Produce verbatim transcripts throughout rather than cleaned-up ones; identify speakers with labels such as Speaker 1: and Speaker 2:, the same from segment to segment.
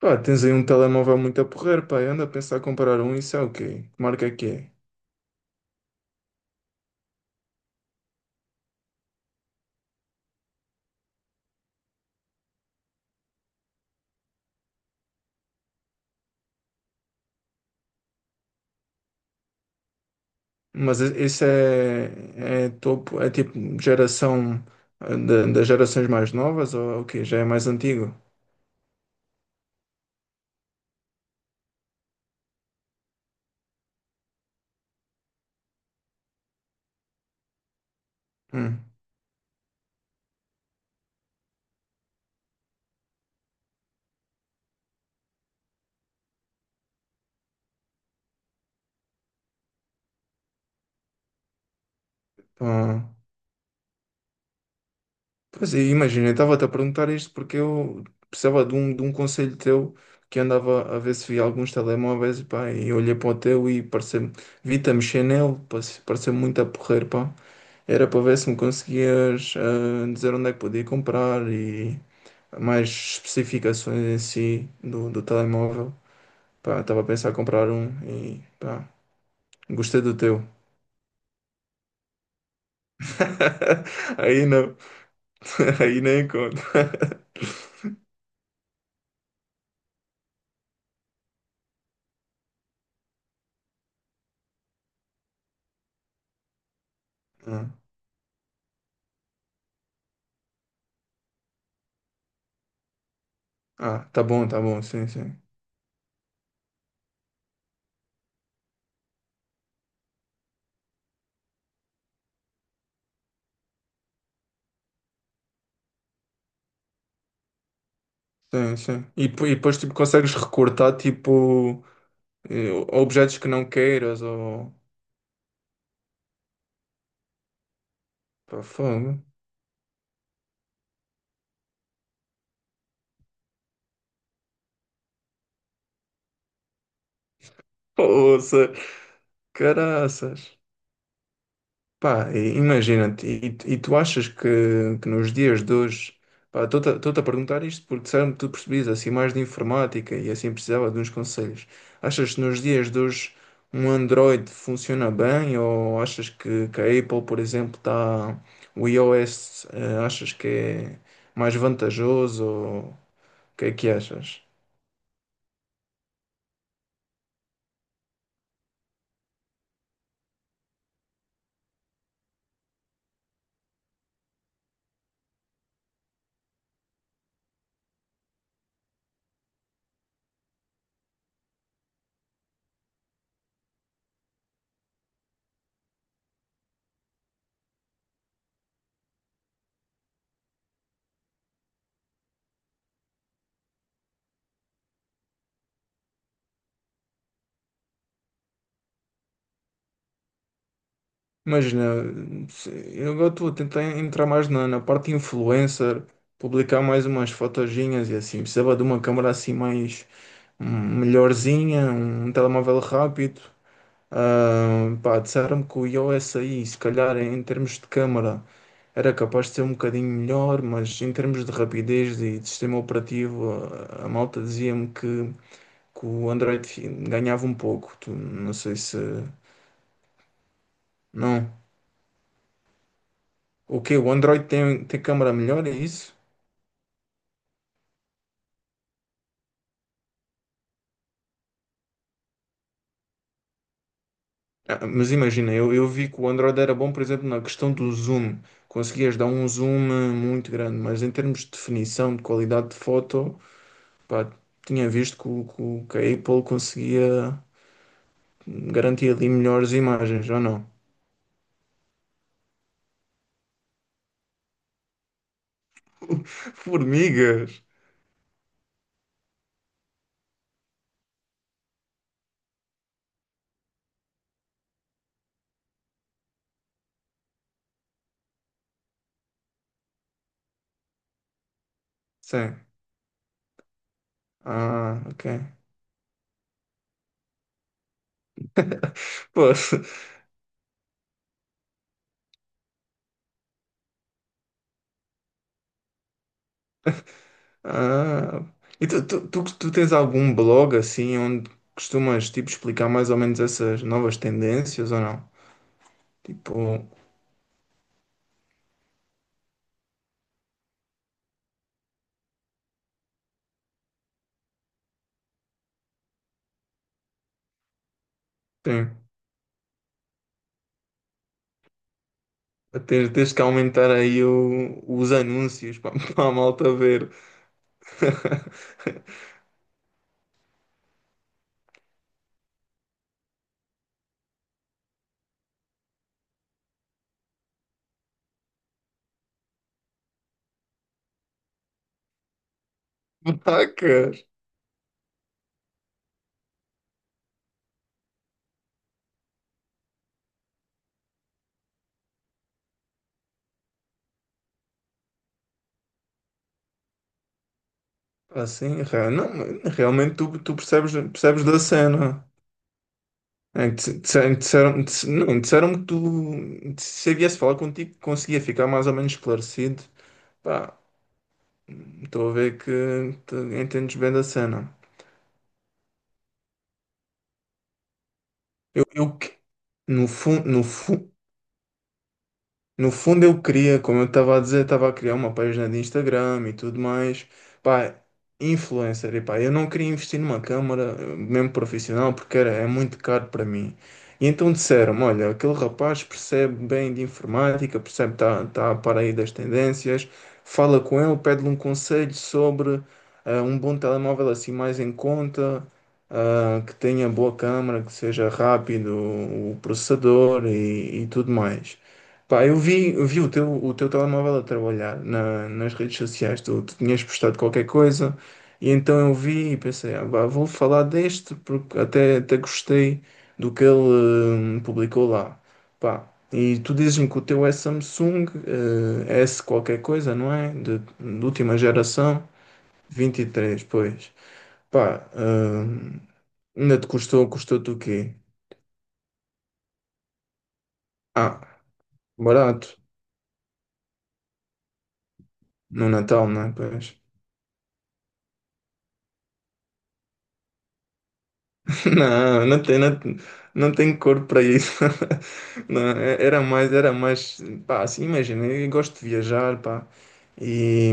Speaker 1: Pá, tens aí um telemóvel muito a porrer, pá. Eu ando a pensar em comprar um, isso é o quê? Que marca é que é? Mas e- esse é, é topo, é tipo geração eh, da- das gerações mais novas ou o quê? Já é mais antigo? Hum, pá. Pois é, imagina, eu estava-te a perguntar isto porque eu precisava de um, de um conselho teu que andava a ver se via alguns telemóveis, pá, e olhei para o teu e parece, vi-te a mexer nele, parece, parece muito a porrer, pá. Era para ver se me conseguias ah, dizer onde é que podia comprar e mais especificações em si do, do telemóvel. Pá, estava a pensar em comprar um e pá, gostei do teu. Aí não, aí nem conta. Ah, ah, tá bom, tá bom, sim, sim. Sim, sim. E, po- e depois tipo, consegues recortar tipo eh, objetos que não queiras ou pá, fogo. Poça, caraças. Pá, e- imagina-te, e, e tu achas que, que nos dias de hoje, pá, estou-te a estou-te a perguntar isto porque disseram-me que tu percebias assim mais de informática e assim precisava de uns conselhos. Achas que nos dias de hoje um Android funciona bem ou achas que, que a Apple, por exemplo, está, o iOS, eh, achas que é mais vantajoso ou o que é que achas? Imagina, eu agora estou a tentar entrar mais na, na parte influencer, publicar mais umas fotoginhas e assim. Precisava de uma câmera assim mais hum, melhorzinha, um telemóvel rápido. Ah, pá, disseram-me que o iOS aí, se calhar em termos de câmera, era capaz de ser um bocadinho melhor, mas em termos de rapidez e de sistema operativo, a, a malta dizia-me que, que o Android ganhava um pouco. Tu, não sei se. Não. O que? O Android tem, tem câmera melhor, é isso? Ah, mas imagina, eu, eu vi que o Android era bom, por exemplo, na questão do zoom. Conseguias dar um zoom eh, muito grande, mas em termos de definição, de qualidade de foto, pá, tinha visto que, o- que, o- que a Apple conseguia garantir ali melhores imagens, ou não? Formigas! Sim. Ah, ok. Pô, ah. E tu, tu, tu, tu tens algum blog assim onde costumas tipo explicar mais ou menos essas novas tendências ou não? Tipo, tem, tens, tens que aumentar aí o- os anúncios para a malta ver. Vacas! Assim, re- não, realmente tu, tu percebes, percebes da cena. É, dis- disse- Disseram, disse- não, disseram que tu, se eu viesse falar contigo, conseguia ficar mais ou menos esclarecido. Pá, estou a ver que tu entendes bem da cena. Eu, eu que- no fundo, no, No fundo, eu queria, como eu estava a dizer, estava a criar uma página de Instagram e tudo mais. Pá, influencer, e pá, eu não queria investir numa câmara, eh, mesmo profissional, porque era, é muito caro para mim. E então disseram-me: olha, aquele rapaz percebe bem de informática, percebe, está tá tá a par aí das tendências, fala com ele, pede-lhe um conselho sobre eh, um bom telemóvel assim mais em conta. Ah, que tenha boa câmara, que seja rápido o processador e e tudo mais. Pá, eu vi, eu vi o teu, o teu telemóvel a trabalhar na- nas redes sociais, tu, tu tinhas postado qualquer coisa, e então eu vi e pensei, ah, pá, vou falar deste, porque até, até gostei do que ele hum, publicou lá. Pá, e tu dizes-me que o teu é Samsung, eh, S qualquer coisa, não é? De, de última geração, vinte e três, pois. Pá, hum, ainda te custou, custou-te o quê? Ah, barato, no Natal, não é? Pois. Não, não tem, não, não tem corpo para isso. Não, é- era mais, era mais, pá, assim, imagina, eu gosto de viajar, pá, e,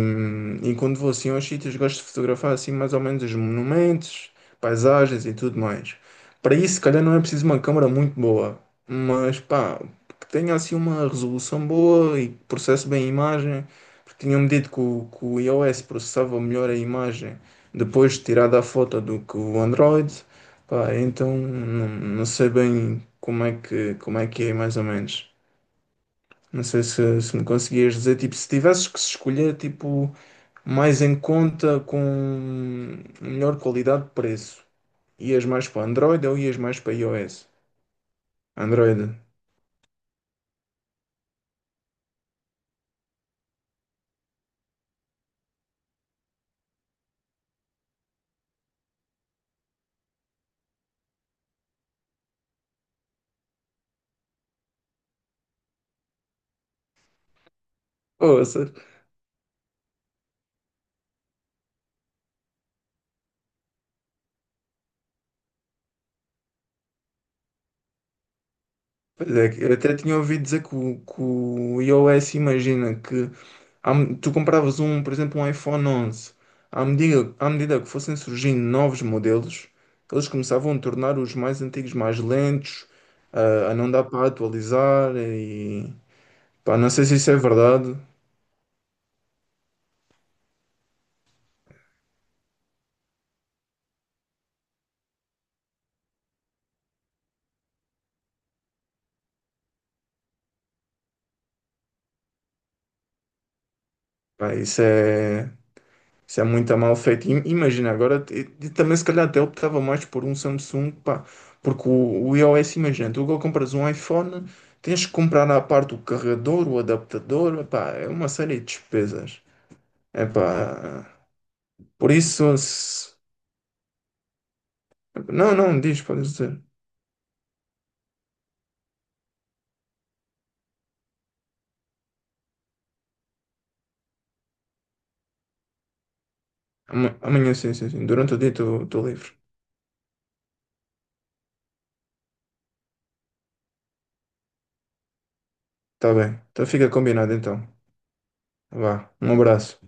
Speaker 1: e quando vou assim aos sítios, gosto de fotografar assim mais ou menos os monumentos, paisagens e tudo mais. Para isso, se calhar não é preciso uma câmera muito boa, mas pá, que tenha assim uma resolução boa e que processe bem a imagem, porque tinham-me dito que o, que o iOS processava melhor a imagem depois de tirada a foto do que o Android. Pá, então não, não sei bem como é que, como é que é mais ou menos. Não sei se, se me conseguias dizer, tipo, se tivesses que se escolher, tipo, mais em conta com melhor qualidade de preço, ias mais para Android ou ias mais para iOS? Android. Ouça. Pois é, que eu até tinha ouvido dizer que o, que o iOS, imagina que à me- tu compravas um, por exemplo, um iPhone onze, à medida, à medida que fossem surgindo novos modelos, eles começavam a tornar os mais antigos mais lentos, a, a não dar para atualizar e pá, não sei se isso é verdade, pá, isso é. Isso é muito mal feito. Im- Imagina, agora e- e também se calhar até optava mais por um Samsung, pá, porque o, o iOS, imagina, tu agora compras um iPhone, tens que comprar à parte o carregador, o adaptador, pá, é uma série de despesas. É pá, por isso, se- não, não, diz, podes dizer. Ama- Amanhã, sim, sim, sim, durante o dia estou livre. Tá bem, então fica combinado então. Vá, um abraço.